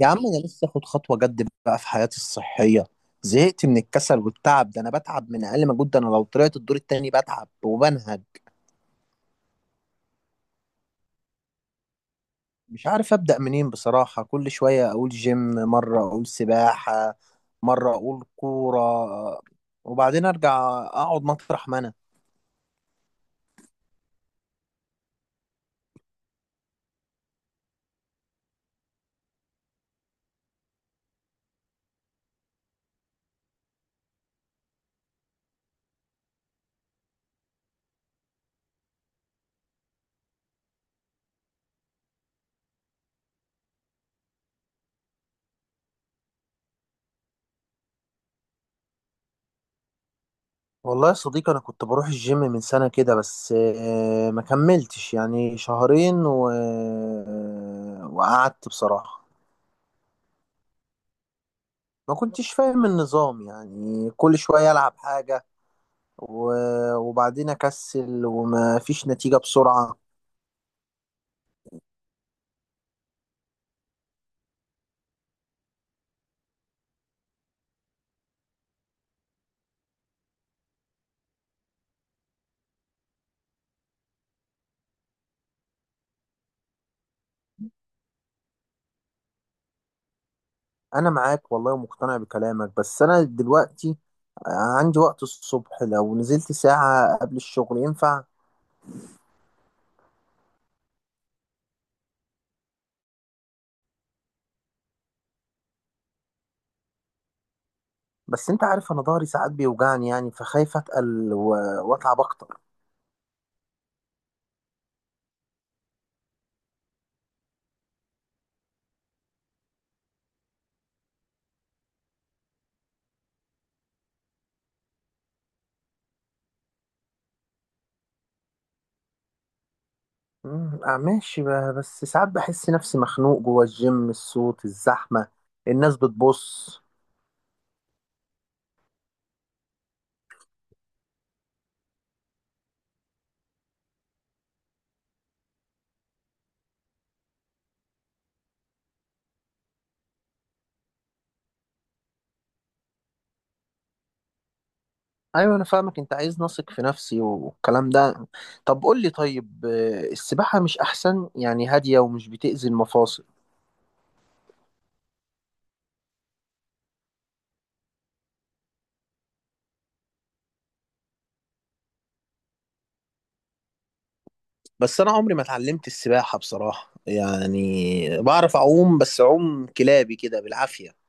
يا عم انا لسه اخد خطوه جد بقى في حياتي الصحيه. زهقت من الكسل والتعب ده، انا بتعب من اقل مجهود، ده انا لو طلعت الدور التاني بتعب وبنهج. مش عارف ابدا منين بصراحه، كل شويه اقول جيم، مره اقول سباحه، مره اقول كوره، وبعدين ارجع اقعد مطرح ما انا. والله يا صديقي انا كنت بروح الجيم من سنه كده، بس ما كملتش يعني شهرين وقعدت بصراحه. ما كنتش فاهم النظام، يعني كل شوية ألعب حاجة، وبعدين اكسل وما فيش نتيجة بسرعة. انا معاك والله ومقتنع بكلامك، بس انا دلوقتي عندي وقت الصبح، لو نزلت ساعة قبل الشغل ينفع؟ بس انت عارف انا ضهري ساعات بيوجعني، يعني فخايف اتقل واتعب اكتر. أمم، آه، ماشي، بس ساعات بحس نفسي مخنوق جوه الجيم، الصوت، الزحمة، الناس بتبص. ايوه انا فاهمك، انت عايز نثق في نفسي والكلام ده. طب قول لي، طيب السباحة مش احسن؟ يعني هادية ومش بتأذي المفاصل. بس انا عمري ما اتعلمت السباحة بصراحة، يعني بعرف اعوم بس اعوم كلابي كده بالعافية.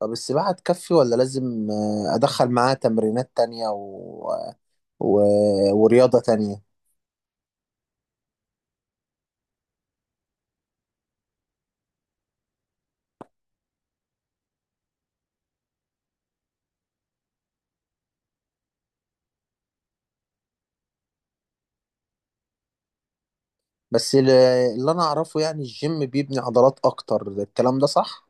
طب السباحة تكفي، ولا لازم ادخل معاها تمرينات تانية و... ورياضة تانية؟ بس اللي انا اعرفه يعني الجيم بيبني عضلات اكتر، الكلام ده صح؟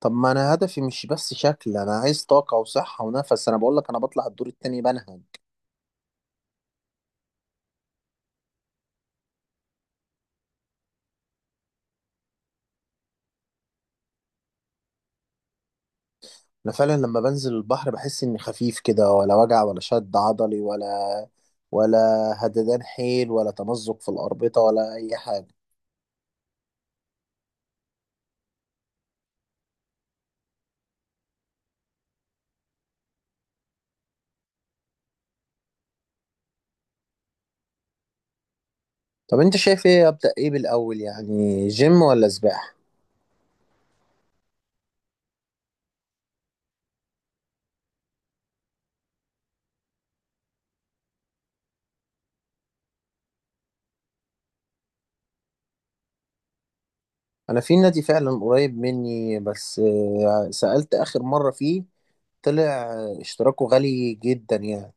طب ما انا هدفي مش بس شكل، انا عايز طاقة وصحة ونفس، انا بقول لك انا بطلع الدور التاني بنهج. انا فعلا لما بنزل البحر بحس اني خفيف كده، ولا وجع، ولا شد عضلي، ولا هددان حيل، ولا تمزق في الأربطة، ولا اي حاجة. طب انت شايف ايه؟ ابدأ ايه بالاول، يعني جيم ولا سباحة؟ انا في نادي فعلا قريب مني، بس سألت اخر مرة فيه، طلع اشتراكه غالي جدا يعني.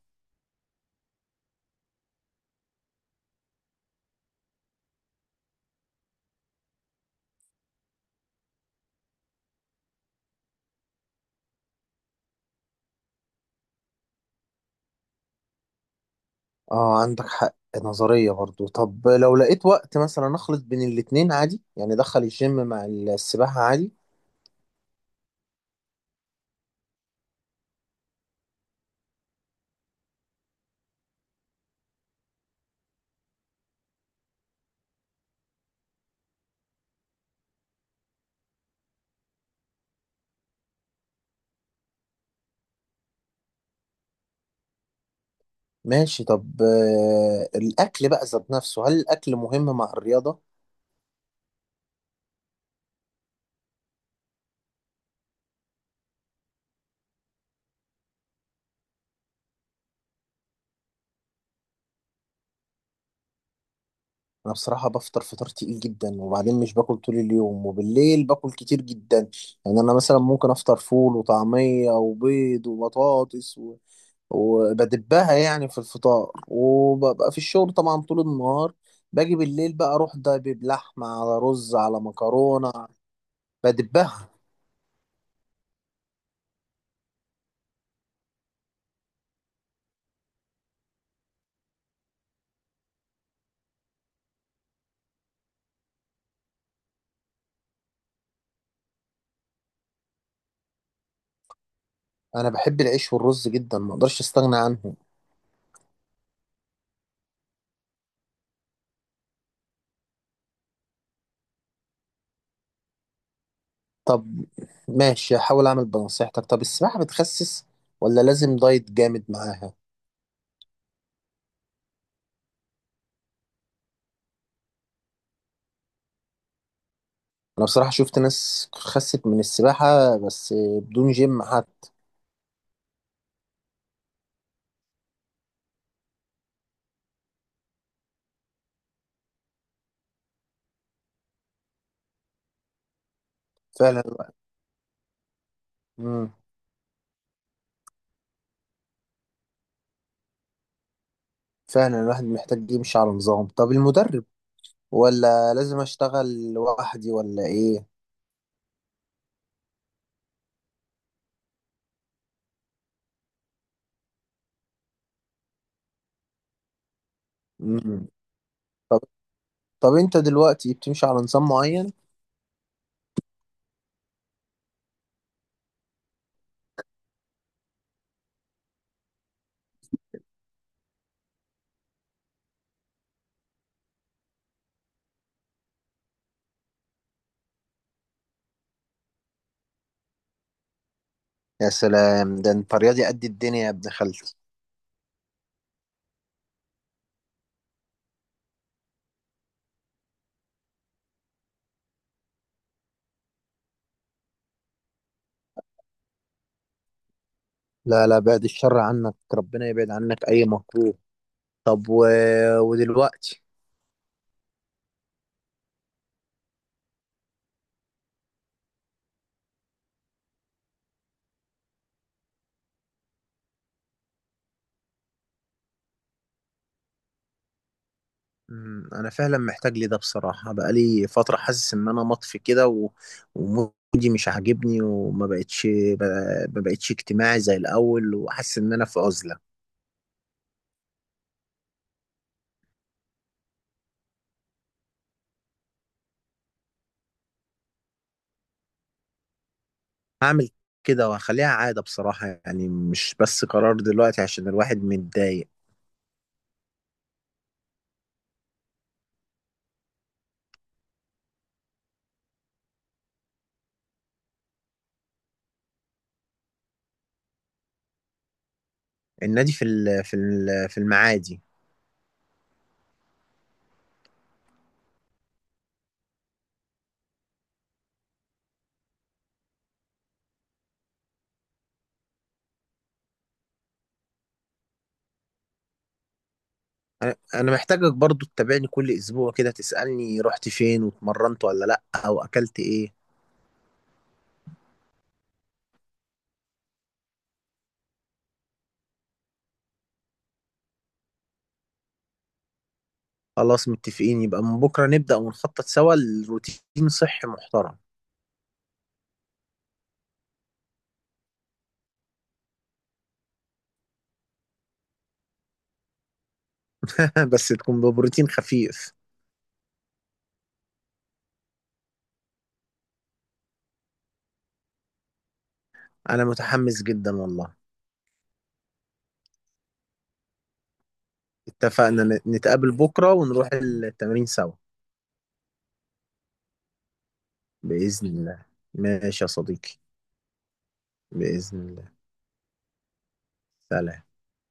اه عندك حق نظرية برضو. طب لو لقيت وقت مثلا اخلط بين الاتنين عادي؟ يعني ادخل الجيم مع السباحة عادي. ماشي. طب آه الاكل بقى ذات نفسه، هل الاكل مهم مع الرياضة؟ انا بصراحة بفطر فطار تقيل جدا، وبعدين مش باكل طول اليوم، وبالليل باكل كتير جدا. يعني انا مثلا ممكن افطر فول وطعمية وبيض وبطاطس وبدبها يعني في الفطار، وببقى في الشغل طبعا طول النهار، باجي بالليل بقى اروح دبب لحمة على رز على مكرونة بدبها. انا بحب العيش والرز جدا، ما اقدرش استغنى عنهم. طب ماشي هحاول اعمل بنصيحتك. طب السباحة بتخسس ولا لازم دايت جامد معاها؟ انا بصراحة شفت ناس خست من السباحة بس، بدون جيم حتى. فعلا الواحد- مم. فعلا الواحد محتاج يمشي على نظام. طب المدرب ولا لازم اشتغل لوحدي ولا ايه؟ مم. طب طب انت دلوقتي بتمشي على نظام معين؟ يا سلام، ده انت رياضي قد الدنيا يا ابن خالتي. لا لا، بعد الشر عنك، ربنا يبعد عنك اي مكروه. طب ودلوقتي؟ مم، انا فعلا محتاج لي ده بصراحة، بقالي فترة حاسس ان انا مطفي كده ومودي مش عاجبني، وما بقتش ب... ما بقتش اجتماعي زي الاول، وحاسس ان انا في عزلة. هعمل كده وهخليها عادة بصراحة، يعني مش بس قرار دلوقتي عشان الواحد متضايق. النادي في المعادي. انا محتاجك برضو تتابعني كل اسبوع كده، تسألني رحت فين واتمرنت ولا لا، او اكلت ايه. خلاص متفقين، يبقى من بكرة نبدأ ونخطط سوا لروتين صحي محترم. بس تكون ببروتين خفيف. انا متحمس جدا والله. اتفقنا، نتقابل بكرة ونروح التمرين سوا، بإذن الله. ماشي يا صديقي، بإذن الله. سلام.